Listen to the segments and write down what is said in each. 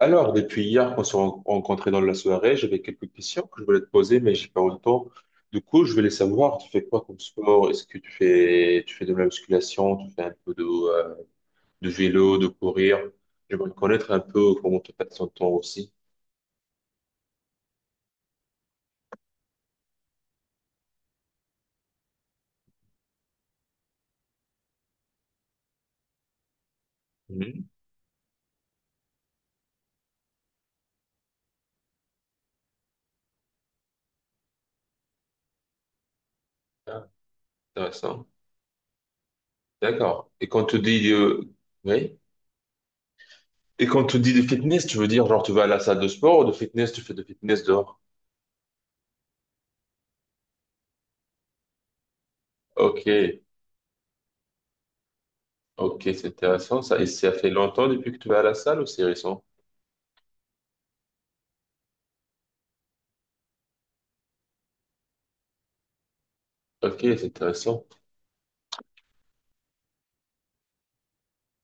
Alors, depuis hier qu'on s'est rencontrés dans la soirée, j'avais quelques questions que je voulais te poser, mais j'ai pas eu le temps. Du coup, je voulais savoir, tu fais quoi comme sport? Est-ce que tu fais de la musculation? Tu fais un peu de vélo, de courir? J'aimerais connaître un peu comment tu passes ton temps aussi. Mhm. Ah, intéressant. D'accord. Et quand tu dis, oui? Et quand tu dis de fitness, tu veux dire genre tu vas à la salle de sport ou de fitness, tu fais de fitness dehors? Ok, ok, c'est intéressant ça. Et ça fait longtemps depuis que tu vas à la salle ou c'est récent? Ok, c'est intéressant.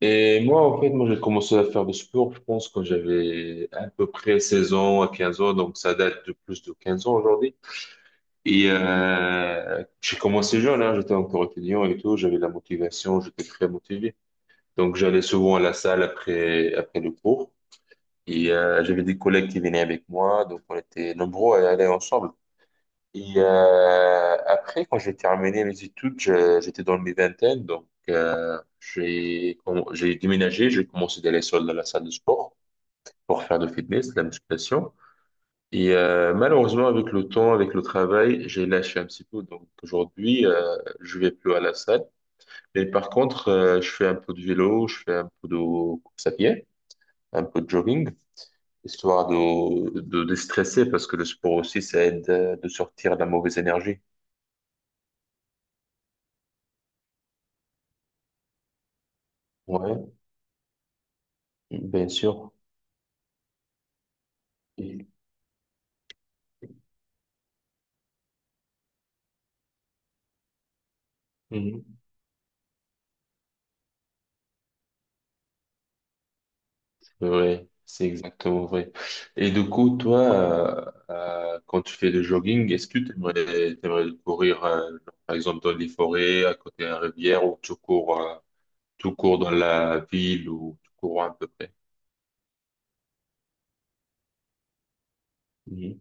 Et moi, en fait, moi, j'ai commencé à faire du sport, je pense, quand j'avais à peu près 16 ans à 15 ans, donc ça date de plus de 15 ans aujourd'hui. Et j'ai commencé jeune, hein, j'étais encore étudiant et tout, j'avais la motivation, j'étais très motivé. Donc j'allais souvent à la salle après le cours et j'avais des collègues qui venaient avec moi, donc on était nombreux à y aller ensemble. Et après, quand j'ai terminé mes études, j'étais dans mes vingtaines, donc j'ai déménagé, j'ai commencé d'aller seul dans la salle de sport pour faire du fitness, de la musculation. Et malheureusement, avec le temps, avec le travail, j'ai lâché un petit peu. Donc aujourd'hui, je vais plus à la salle. Mais par contre, je fais un peu de vélo, je fais un peu de course à pied, un peu de jogging, histoire de déstresser parce que le sport aussi, ça aide de sortir de la mauvaise énergie. Ouais. Bien sûr. Mhm. Ouais, c'est exactement vrai. Et du coup, toi, quand tu fais le jogging, est-ce que tu aimerais, courir, par exemple, dans les forêts, à côté d'une rivière, ou tu cours dans la ville, ou tu cours à peu près? Mhm.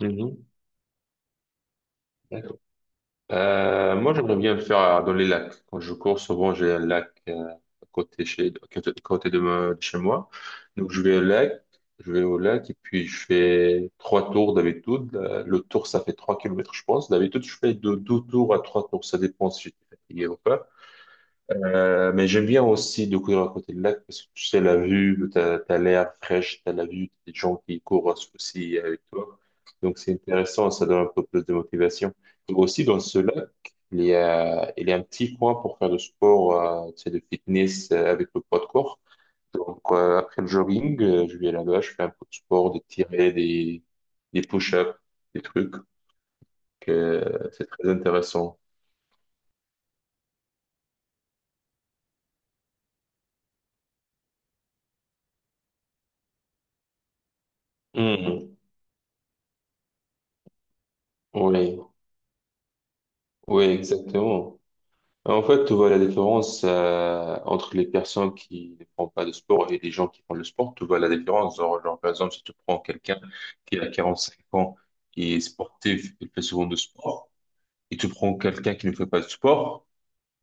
Mhm. Mhm. Moi, j'aimerais bien le faire dans les lacs. Quand je cours, souvent, j'ai un lac à côté, à côté de, de chez moi. Donc, je vais au lac, je vais au lac et puis je fais 3 tours d'habitude. Le tour, ça fait 3 kilomètres, je pense. D'habitude, je fais de 2 tours à 3 tours. Ça dépend si j'étais fatigué ou pas. Mais j'aime bien aussi découvrir à côté de lac parce que tu sais, la vue, t'as l'air fraîche, t'as la vue, t'as des gens qui courent aussi avec toi. Donc c'est intéressant, ça donne un peu plus de motivation. Et aussi dans ce lac, il y a un petit coin pour faire du sport, tu sais, de fitness avec le poids de corps. Donc après le jogging, je vais là-bas, je fais un peu de sport, des tirets, des push-ups, des trucs. Que c'est très intéressant. Mhm. Oui, oui, exactement. En fait, tu vois la différence entre les personnes qui ne font pas de sport et les gens qui font le sport. Tu vois la différence. Genre, par exemple, si tu prends quelqu'un qui a 45 ans, qui est sportif, il fait souvent de sport, et tu prends quelqu'un qui ne fait pas de sport,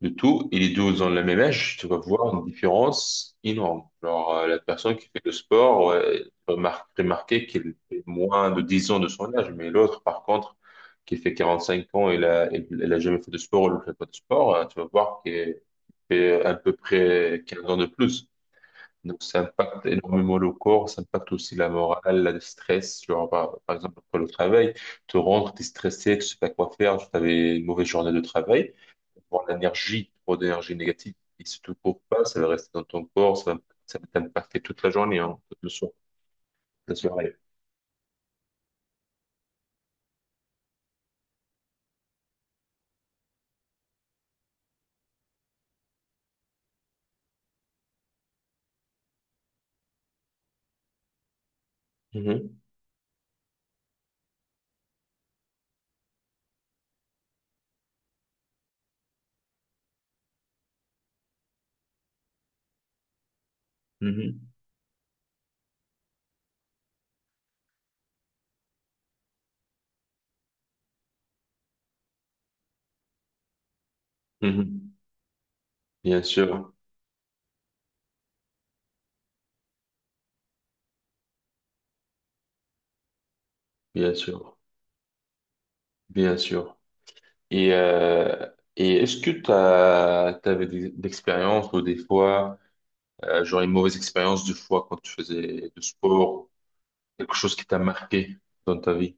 de tout, et les deux ont le même âge, tu vas voir une différence énorme. Alors la personne qui fait le sport, ouais, remarquer qu'elle fait moins de 10 ans de son âge, mais l'autre, par contre, qui fait 45 ans, elle a jamais fait de sport, ou elle fait pas de sport, hein, tu vas voir qu'elle fait à peu près 15 ans de plus. Donc, ça impacte énormément le corps, ça impacte aussi la morale, le stress. Genre, par exemple, après le travail, tu rentres, tu es stressé, tu sais pas quoi faire, tu avais une mauvaise journée de travail pour l'énergie, trop d'énergie négative qui se te coupe pas, ça va rester dans ton corps, ça va t'impacter toute la journée, hein, toute le soir, la soirée. Mhm, mhm, mhm. Bien sûr, bien sûr, bien sûr. Et, euh, et est-ce que tu avais des expériences, ou des fois, genre une mauvaise expérience de fois quand tu faisais du sport, quelque chose qui t'a marqué dans ta vie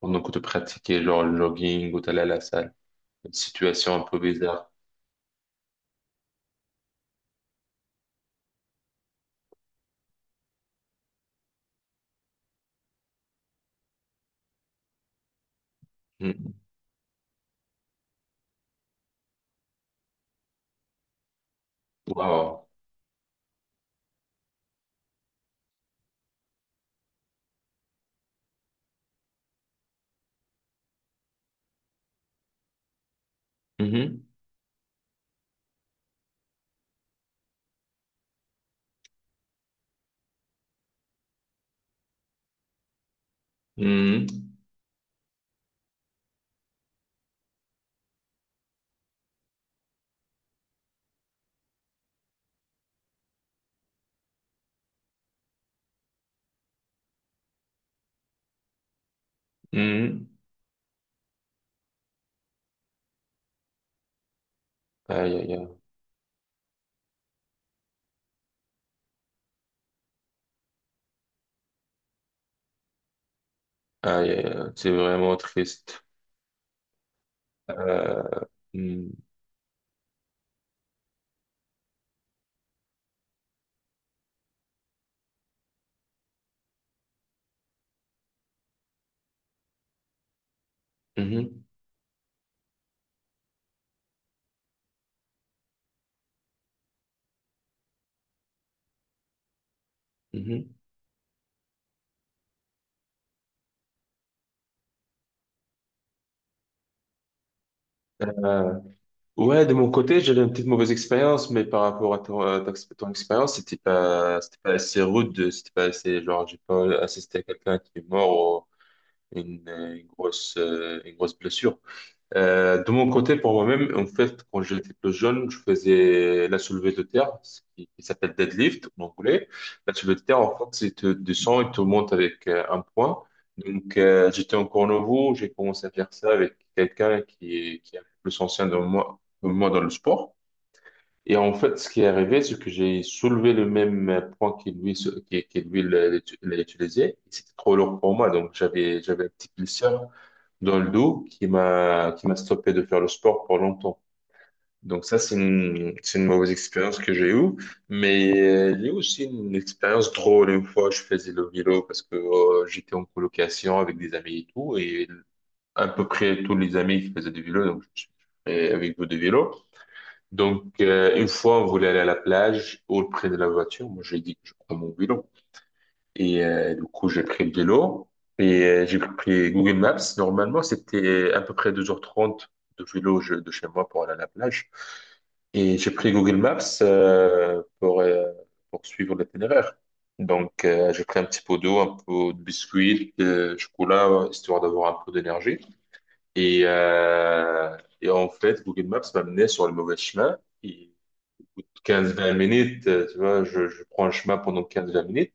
pendant que tu pratiquais genre le jogging ou t'allais à la salle, une situation un peu bizarre. Mhm. Wow. Mhm. Mhm. Aïe, aïe, aïe. Aïe, aïe, aïe. C'est vraiment triste. Euh, mhm. Mhm. Mhm. Euh, ouais, de mon côté, j'avais une petite mauvaise expérience, mais par rapport à ton, ton expérience, c'était pas assez rude, c'était pas assez, genre, j'ai pas assisté à quelqu'un qui est mort ou une grosse, une grosse blessure. De mon côté, pour moi-même, en fait, quand j'étais plus jeune, je faisais la soulevée de terre, ce qui s'appelle deadlift en anglais. La soulevée de terre, en fait, c'est te descends et te montes avec un point. Donc, j'étais encore nouveau, j'ai commencé à faire ça avec quelqu'un qui est un peu plus ancien de moi, que moi dans le sport. Et en fait, ce qui est arrivé, c'est que j'ai soulevé le même point qu'il lui, qui lui l'a utilisé. C'était trop lourd pour moi, donc j'avais un petit blessure dans le dos qui m'a stoppé de faire le sport pour longtemps. Donc ça, c'est une mauvaise expérience que j'ai eue, mais il y a eu aussi une expérience drôle. Une fois, je faisais le vélo parce que j'étais en colocation avec des amis et tout, et à peu près tous les amis qui faisaient du vélo, donc je suis fait avec vous de vélo. Donc, une fois, on voulait aller à la plage, au près de la voiture. Moi, j'ai dit que je prends mon vélo. Et du coup, j'ai pris le vélo et j'ai pris Google Maps. Normalement, c'était à peu près 2h30 de vélo de chez moi pour aller à la plage. Et j'ai pris Google Maps pour suivre l'itinéraire. Donc, j'ai pris un petit pot d'eau, un peu de biscuits, de chocolat, histoire d'avoir un peu d'énergie. Et, euh, et en fait, Google Maps m'a mené sur le mauvais chemin. Et au bout 15-20 minutes, tu vois, je prends le chemin pendant 15-20 minutes.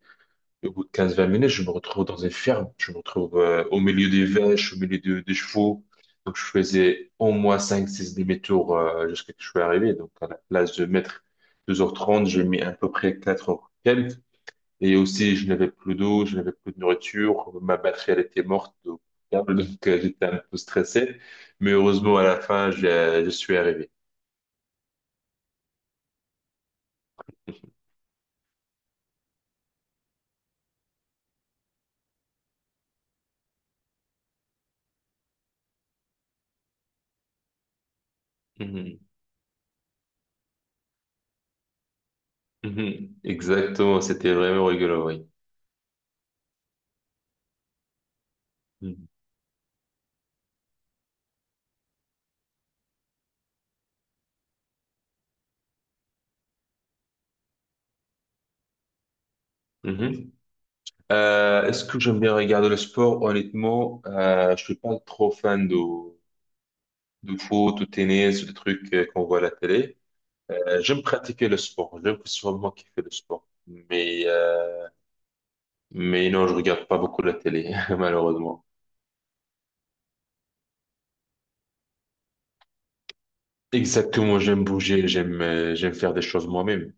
Et au bout de 15-20 minutes, je me retrouve dans une ferme. Je me retrouve au milieu des vaches, au milieu des chevaux. Donc, je faisais au moins 5-6 demi-tours jusqu'à ce que je sois arrivé. Donc, à la place de mettre 2h30, j'ai mis à peu près 4 heures quelques. Et aussi, je n'avais plus d'eau, je n'avais plus de nourriture. Ma batterie, elle était morte au câble. Donc, j'étais un peu stressé. Mais heureusement, à la fin, je suis arrivé. Mhm. Exactement, c'était vraiment rigolo, oui. Mhm. Mhm. Est-ce que j'aime bien regarder le sport? Honnêtement, je suis pas trop fan de foot ou tennis, des trucs qu'on voit à la télé. J'aime pratiquer le sport, j'aime que ce soit moi qui fais le sport. Mais non, je regarde pas beaucoup la télé, malheureusement. Exactement, j'aime bouger, j'aime j'aime faire des choses moi-même.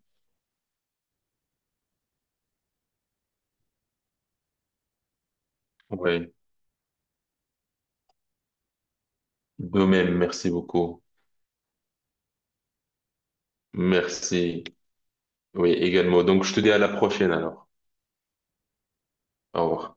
Oui, de même, merci beaucoup. Merci. Oui, également. Donc, je te dis à la prochaine alors. Au revoir.